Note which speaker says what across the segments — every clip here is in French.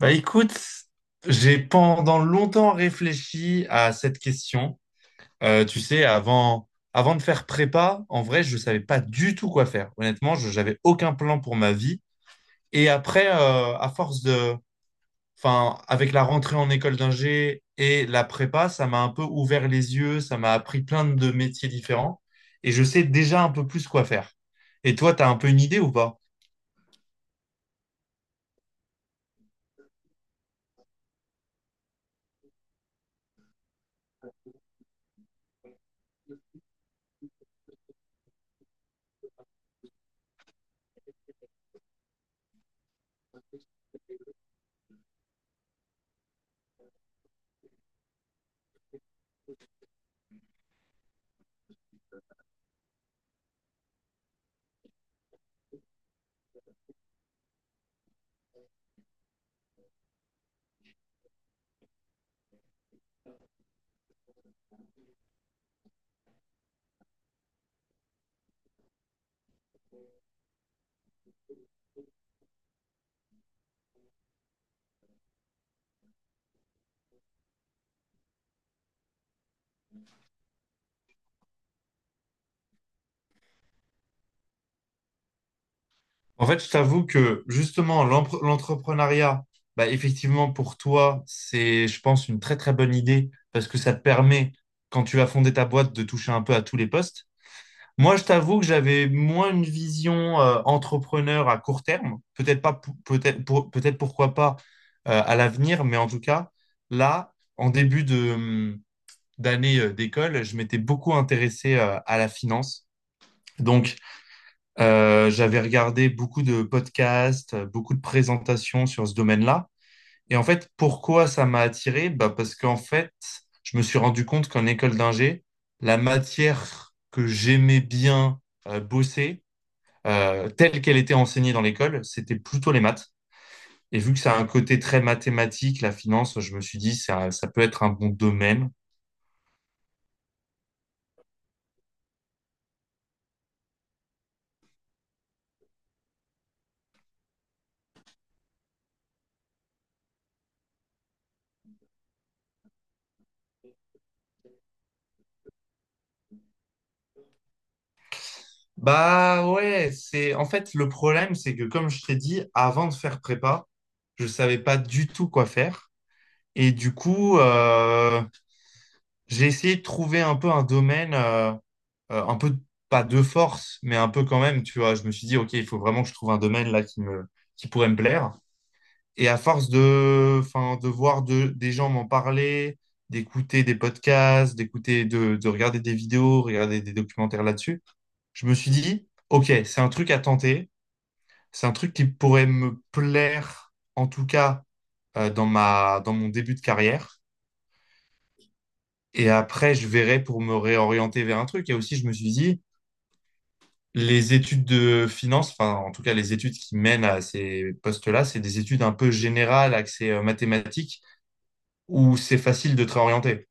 Speaker 1: Bah écoute, j'ai pendant longtemps réfléchi à cette question. Tu sais, avant de faire prépa, en vrai, je savais pas du tout quoi faire. Honnêtement, je j'avais aucun plan pour ma vie. Et après, enfin, avec la rentrée en école d'ingé et la prépa, ça m'a un peu ouvert les yeux, ça m'a appris plein de métiers différents. Et je sais déjà un peu plus quoi faire. Et toi, t'as un peu une idée ou pas? En fait, je t'avoue que justement, l'entrepreneuriat, bah, effectivement, pour toi, c'est, je pense, une très très bonne idée parce que ça te permet, quand tu vas fonder ta boîte, de toucher un peu à tous les postes. Moi, je t'avoue que j'avais moins une vision entrepreneur à court terme, peut-être pas, peut-être pourquoi pas à l'avenir, mais en tout cas, là, en début de, d'année d'école, je m'étais beaucoup intéressé à la finance. Donc, j'avais regardé beaucoup de podcasts, beaucoup de présentations sur ce domaine-là. Et en fait, pourquoi ça m'a attiré? Bah parce qu'en fait, je me suis rendu compte qu'en école d'ingé, la matière que j'aimais bien bosser, telle qu'elle était enseignée dans l'école, c'était plutôt les maths. Et vu que ça a un côté très mathématique, la finance, je me suis dit, ça peut être un bon domaine. Bah ouais, c'est en fait le problème, c'est que comme je t'ai dit, avant de faire prépa, je savais pas du tout quoi faire. Et du coup, j'ai essayé de trouver un peu un domaine, un peu pas de force, mais un peu quand même, tu vois. Je me suis dit, ok, il faut vraiment que je trouve un domaine là qui me, qui pourrait me plaire. Et enfin, des gens m'en parler, d'écouter des podcasts, de regarder des vidéos, regarder des documentaires là-dessus, je me suis dit, ok, c'est un truc à tenter. C'est un truc qui pourrait me plaire, en tout cas, dans ma, dans mon début de carrière. Et après, je verrai pour me réorienter vers un truc. Et aussi, je me suis dit, les études de finance, enfin, en tout cas, les études qui mènent à ces postes-là, c'est des études un peu générales, axées mathématiques, où c'est facile de te réorienter.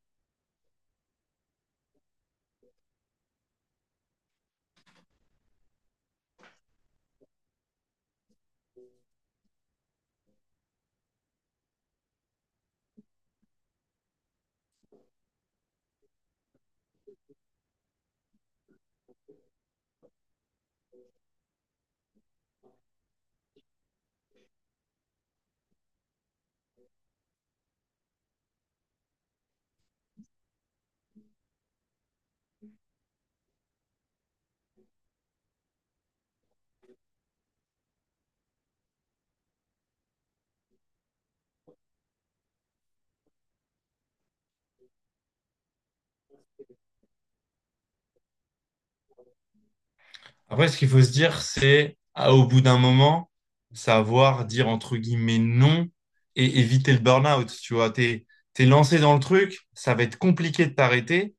Speaker 1: Après, ce qu'il faut se dire, c'est, ah, au bout d'un moment, savoir dire entre guillemets non et éviter le burn-out. Tu vois, t'es lancé dans le truc, ça va être compliqué de t'arrêter.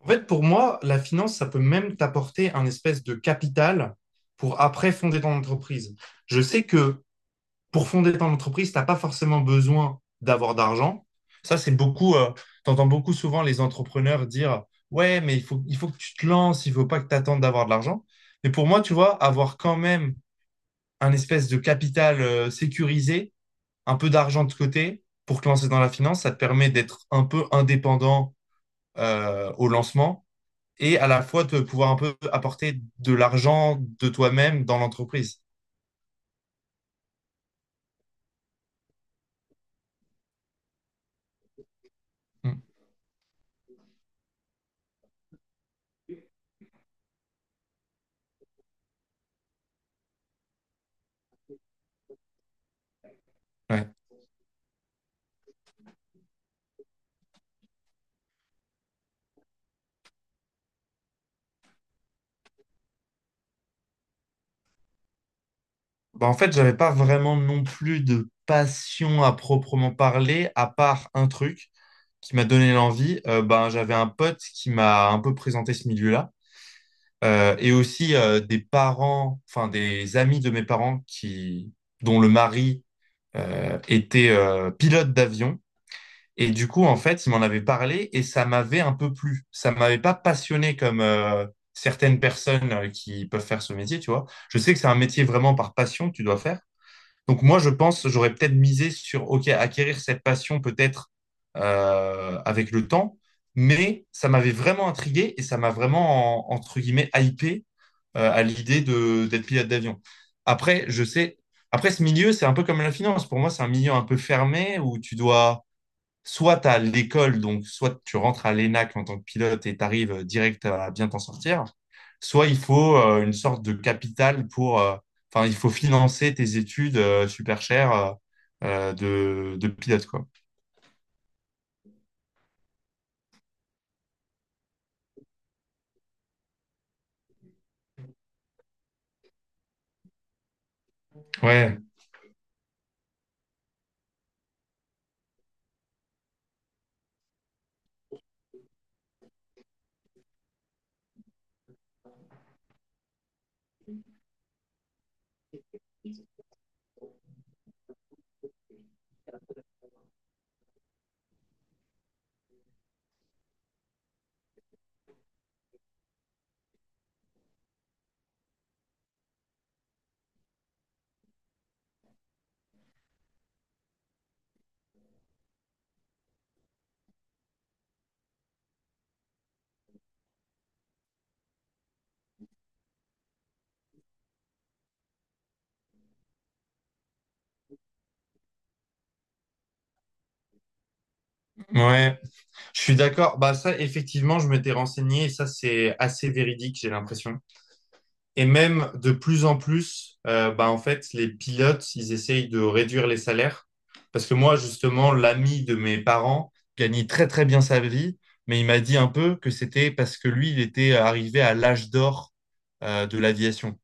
Speaker 1: En fait, pour moi, la finance, ça peut même t'apporter un espèce de capital pour après fonder ton entreprise. Je sais que pour fonder ton entreprise, tu n'as pas forcément besoin d'avoir d'argent. Ça, c'est beaucoup, tu entends beaucoup souvent les entrepreneurs dire, ouais, mais il faut que tu te lances, il ne faut pas que tu attendes d'avoir de l'argent. Mais pour moi, tu vois, avoir quand même un espèce de capital sécurisé, un peu d'argent de côté pour te lancer dans la finance, ça te permet d'être un peu indépendant au lancement et à la fois de pouvoir un peu apporter de l'argent de toi-même dans l'entreprise. Mm. Ouais. Bah, en fait, j'avais pas vraiment non plus de passion à proprement parler, à part un truc qui m'a donné l'envie. Ben, j'avais un pote qui m'a un peu présenté ce milieu-là. Et aussi, des parents, enfin des amis de mes parents qui, dont le mari était pilote d'avion. Et du coup, en fait, il m'en avait parlé et ça m'avait un peu plu. Ça m'avait pas passionné comme certaines personnes qui peuvent faire ce métier, tu vois. Je sais que c'est un métier vraiment par passion que tu dois faire. Donc moi, je pense, j'aurais peut-être misé sur, OK, acquérir cette passion peut-être avec le temps, mais ça m'avait vraiment intrigué et ça m'a vraiment, entre guillemets, hypé à l'idée de d'être pilote d'avion. Après, après ce milieu, c'est un peu comme la finance. Pour moi, c'est un milieu un peu fermé où tu dois soit à l'école, donc soit tu rentres à l'ENAC en tant que pilote et tu arrives direct à bien t'en sortir, soit il faut une sorte de capital pour, enfin, il faut financer tes études super chères. De pilote, quoi. Ouais, ouais, je suis d'accord. Bah, ça, effectivement, je m'étais renseigné et ça, c'est assez véridique, j'ai l'impression. Et même de plus en plus, bah, en fait, les pilotes, ils essayent de réduire les salaires. Parce que moi, justement, l'ami de mes parents gagnait très très bien sa vie, mais il m'a dit un peu que c'était parce que lui, il était arrivé à l'âge d'or de l'aviation.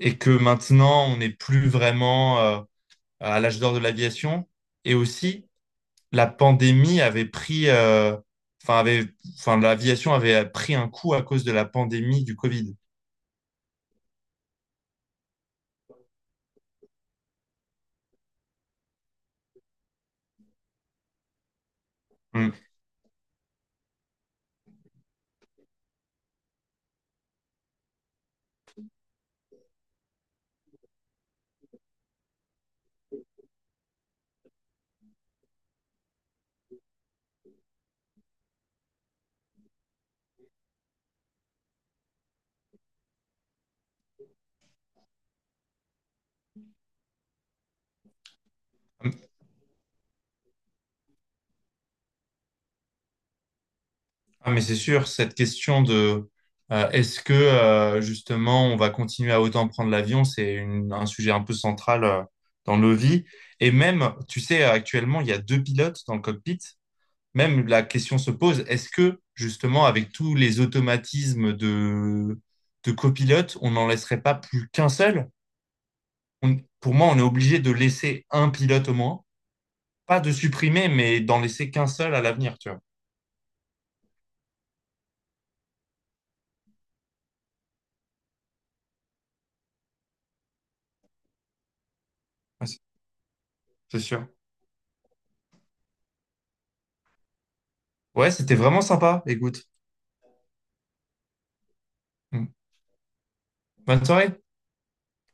Speaker 1: Et que maintenant, on n'est plus vraiment à l'âge d'or de l'aviation. Et aussi, la pandémie avait pris, enfin, avait, enfin, l'aviation avait pris un coup à cause de la pandémie du Covid. Mm. Ah, mais c'est sûr, cette question de est-ce que justement on va continuer à autant prendre l'avion, c'est un sujet un peu central dans nos vies. Et même, tu sais, actuellement, il y a deux pilotes dans le cockpit. Même la question se pose, est-ce que justement avec tous les automatismes de copilote, on n'en laisserait pas plus qu'un seul? Pour moi, on est obligé de laisser un pilote au moins, pas de supprimer, mais d'en laisser qu'un seul à l'avenir, tu vois. Ouais, c'est sûr. Ouais, c'était vraiment sympa. Écoute, Mm. Bonne soirée.